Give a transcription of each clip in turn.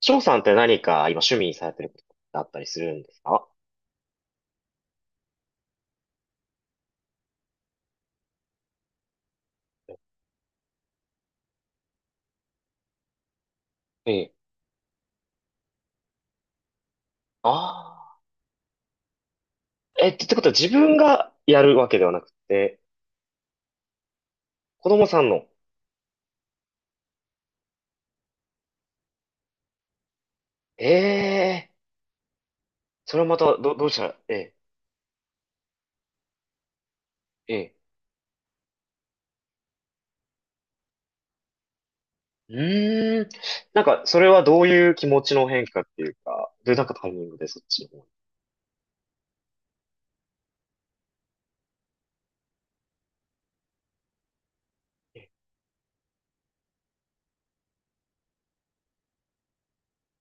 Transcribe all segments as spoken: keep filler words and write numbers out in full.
翔さんって何か今趣味にされてることだったりするんですか？ええ。ああえ、ってってことは自分がやるわけではなくて、子供さんの。ええ、それはまた、ど、どうしたら、え。ええ。え。うーん。なんか、それはどういう気持ちの変化っていうか、どういうなんかタイミングでそっちの方に。ええ、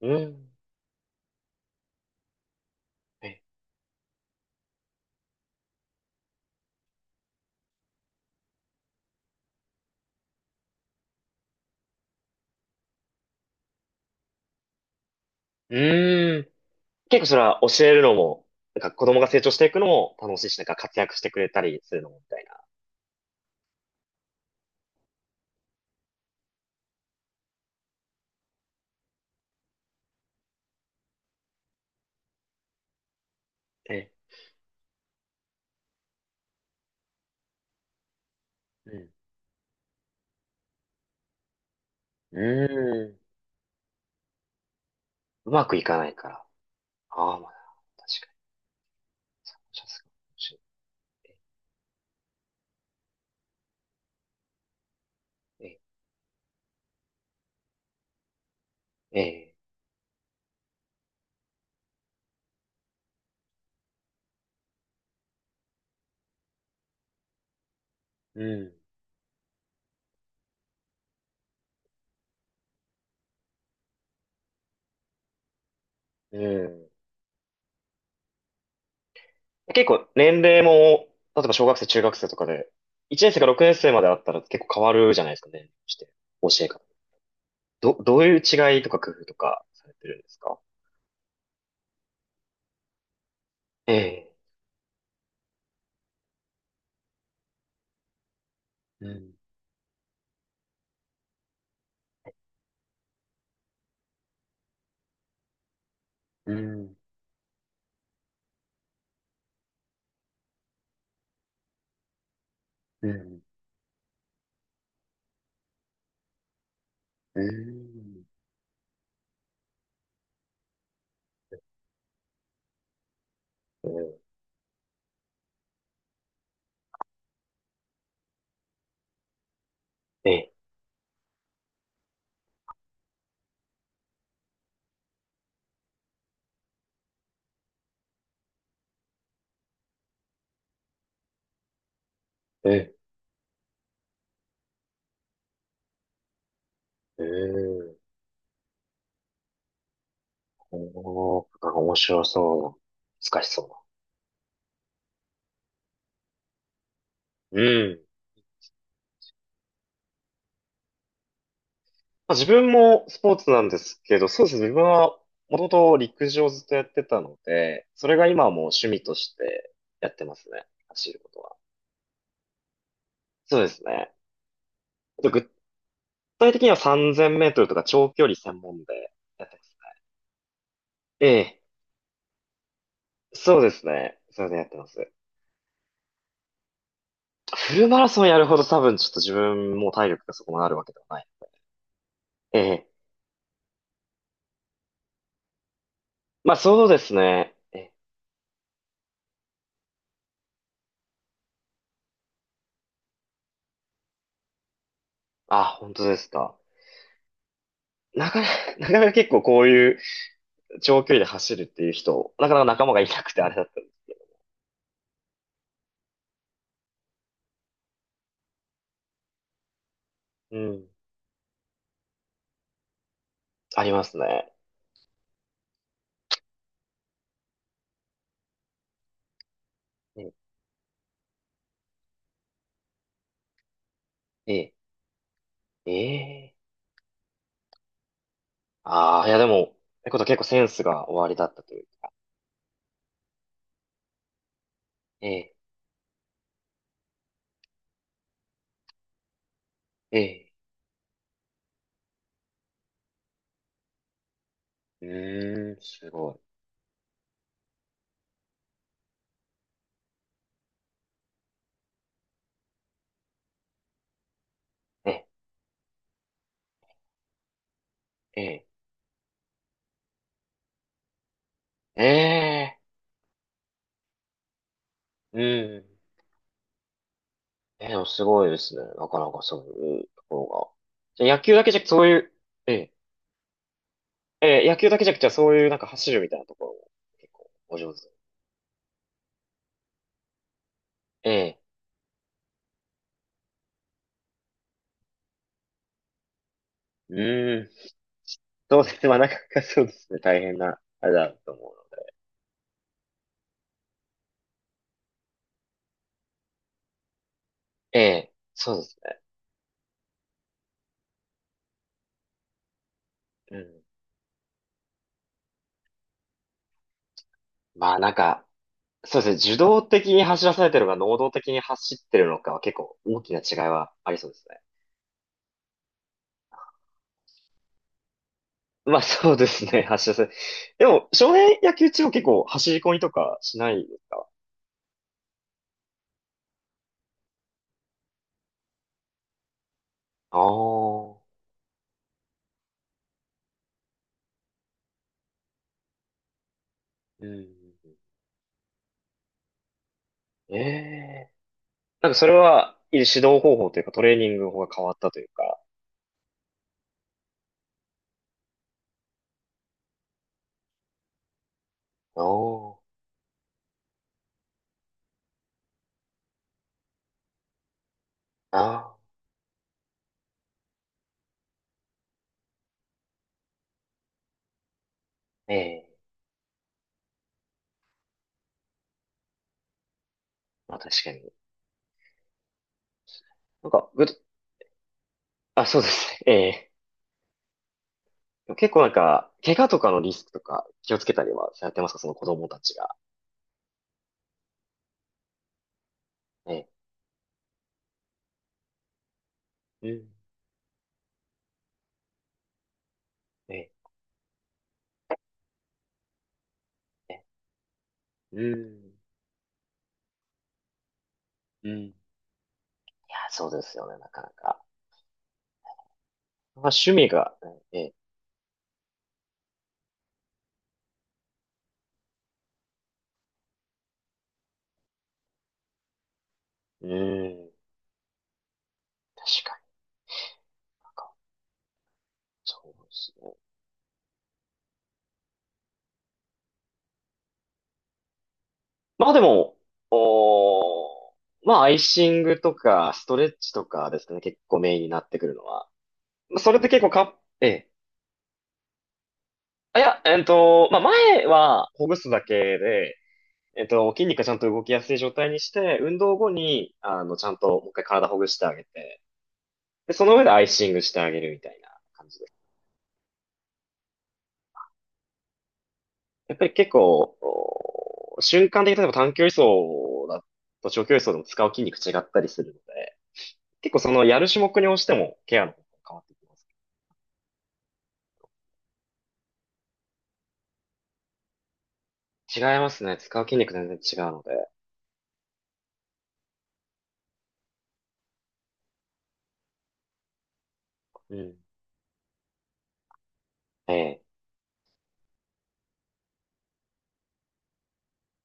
うーん。ええ、うーん。結構それは教えるのも、なんか子供が成長していくのも楽しいし、なんか活躍してくれたりするのもみたいな。ええ。うん。うーん。うまくいかないから。ああ、まあ、確かに。シャツかもしれない。ええ、ええ、うん、うん。結構年齢も、例えば小学生、中学生とかで、いちねん生からろくねん生まであったら結構変わるじゃないですか、年齢として。教え方。ど、どういう違いとか工夫とかされてるんですか？ええ、うん、うん、うん、うん、うん、ええ、ええ、ええ。おー、なんか面白そうな。難しそうな。うん。まあ、自分もスポーツなんですけど、そうですね。自分はもともと陸上をずっとやってたので、それが今はもう趣味としてやってますね。走ることは。そうですね。あと具体的にはさんぜんメートルとか長距離専門でやってますね。ええ、そうですね。それでやってます。フルマラソンやるほど多分ちょっと自分も体力がそこまであるわけではない。ええ、まあそうですね。ええ。あ、本当ですか。なかなか、なかなか結構こういう長距離で走るっていう人、なかなか仲間がいなくてあれだった。うん。ありますね。うん、ええ、ええ。ああ、いやでも、ってことは結構センスが終わりだったというか。ええ、ええ、うーん、すごい。ええ、ええ、ええ、うん。ええ、でもすごいですね。なかなかそういうところが。じゃあ野球だけじゃなくそういう、ええ、ええ、野球だけじゃなくてそういうなんか走るみたいなところも結構お上手。ええ、うーん。そうですね。まあなかなかそうですね。大変な、あれだと思う。ええ、そうですね。うん。まあなんか、そうですね。受動的に走らされてるのか、能動的に走ってるのかは結構大きな違いはありそうですね。まあそうですね。走らせ、でも、少年野球中は結構走り込みとかしないですか？ああー、うん。ええ。なんかそれは、指導方法というかトレーニング法が変わったというか。ああ、ああ、ええ。まあ確かに。なんか、ぐと、あ、そうですね。ええ。でも結構なんか、怪我とかのリスクとか気をつけたりはされてますか、その子供たちが？ね。うん。ね。ね。うん。うん。いや、そうですよね、なかなか。まあ、趣味が、ね。うん。確かに。なんか、そうですね。まあでも、おー、まあアイシングとか、ストレッチとかですかね、結構メインになってくるのは。まあそれで結構か、ええ。あ、いや、えっと、まあ前はほぐすだけで、えっと、筋肉がちゃんと動きやすい状態にして、運動後に、あの、ちゃんともう一回体ほぐしてあげて、で、その上でアイシングしてあげるみたいな感じです。やっぱり結構、お瞬間的に例えば短距離走だと長距離走でも使う筋肉違ったりするので、結構そのやる種目に応じてもケアの方法が変わってきます。違いますね。使う筋肉全然違うので。うん。ええ。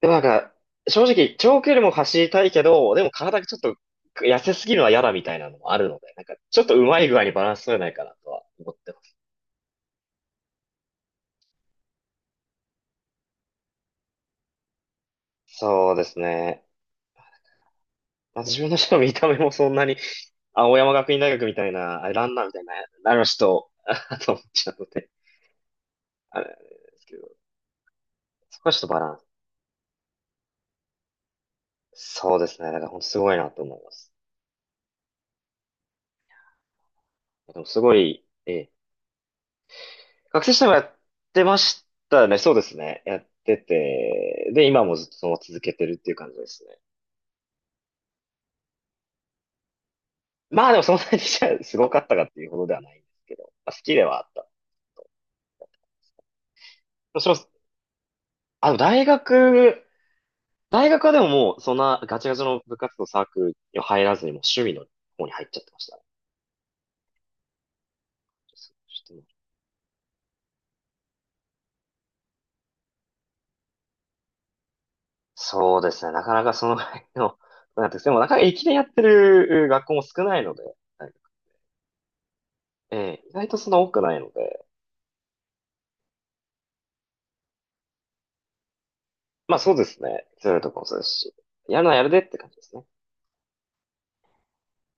でもなんか、正直、長距離も走りたいけど、でも体がちょっと痩せすぎるのは嫌だみたいなのもあるので、なんか、ちょっとうまい具合にバランス取れないかなとは思ってます。そうですね。まあ、自分の人の見た目もそんなに、青山学院大学みたいな、あれランナーみたいな、あの人、あと思っちゃうので、あれですけど、そこはちょっとバランス。そうですね。だから本当すごいなと思います。でもすごい、ええ。学生時代もやってましたね。そうですね。やってて、で、今もずっとその続けてるっていう感じですね。まあでもそんなにじゃあすごかったかっていうほどではないんですけど、まあ、好きではあったと。もちろん、あの、大学、大学はでももうそんなガチガチの部活動サークルには入らずにもう趣味の方に入っちゃってましたね。そうですね。なかなかそのぐらいの、なんていうんですかでもなかなか駅伝やってる学校も少ないので、はい、ええ、意外とそんな多くないので、まあそうですね。そういうとこもそうですし、やるのはやるでって感じですね。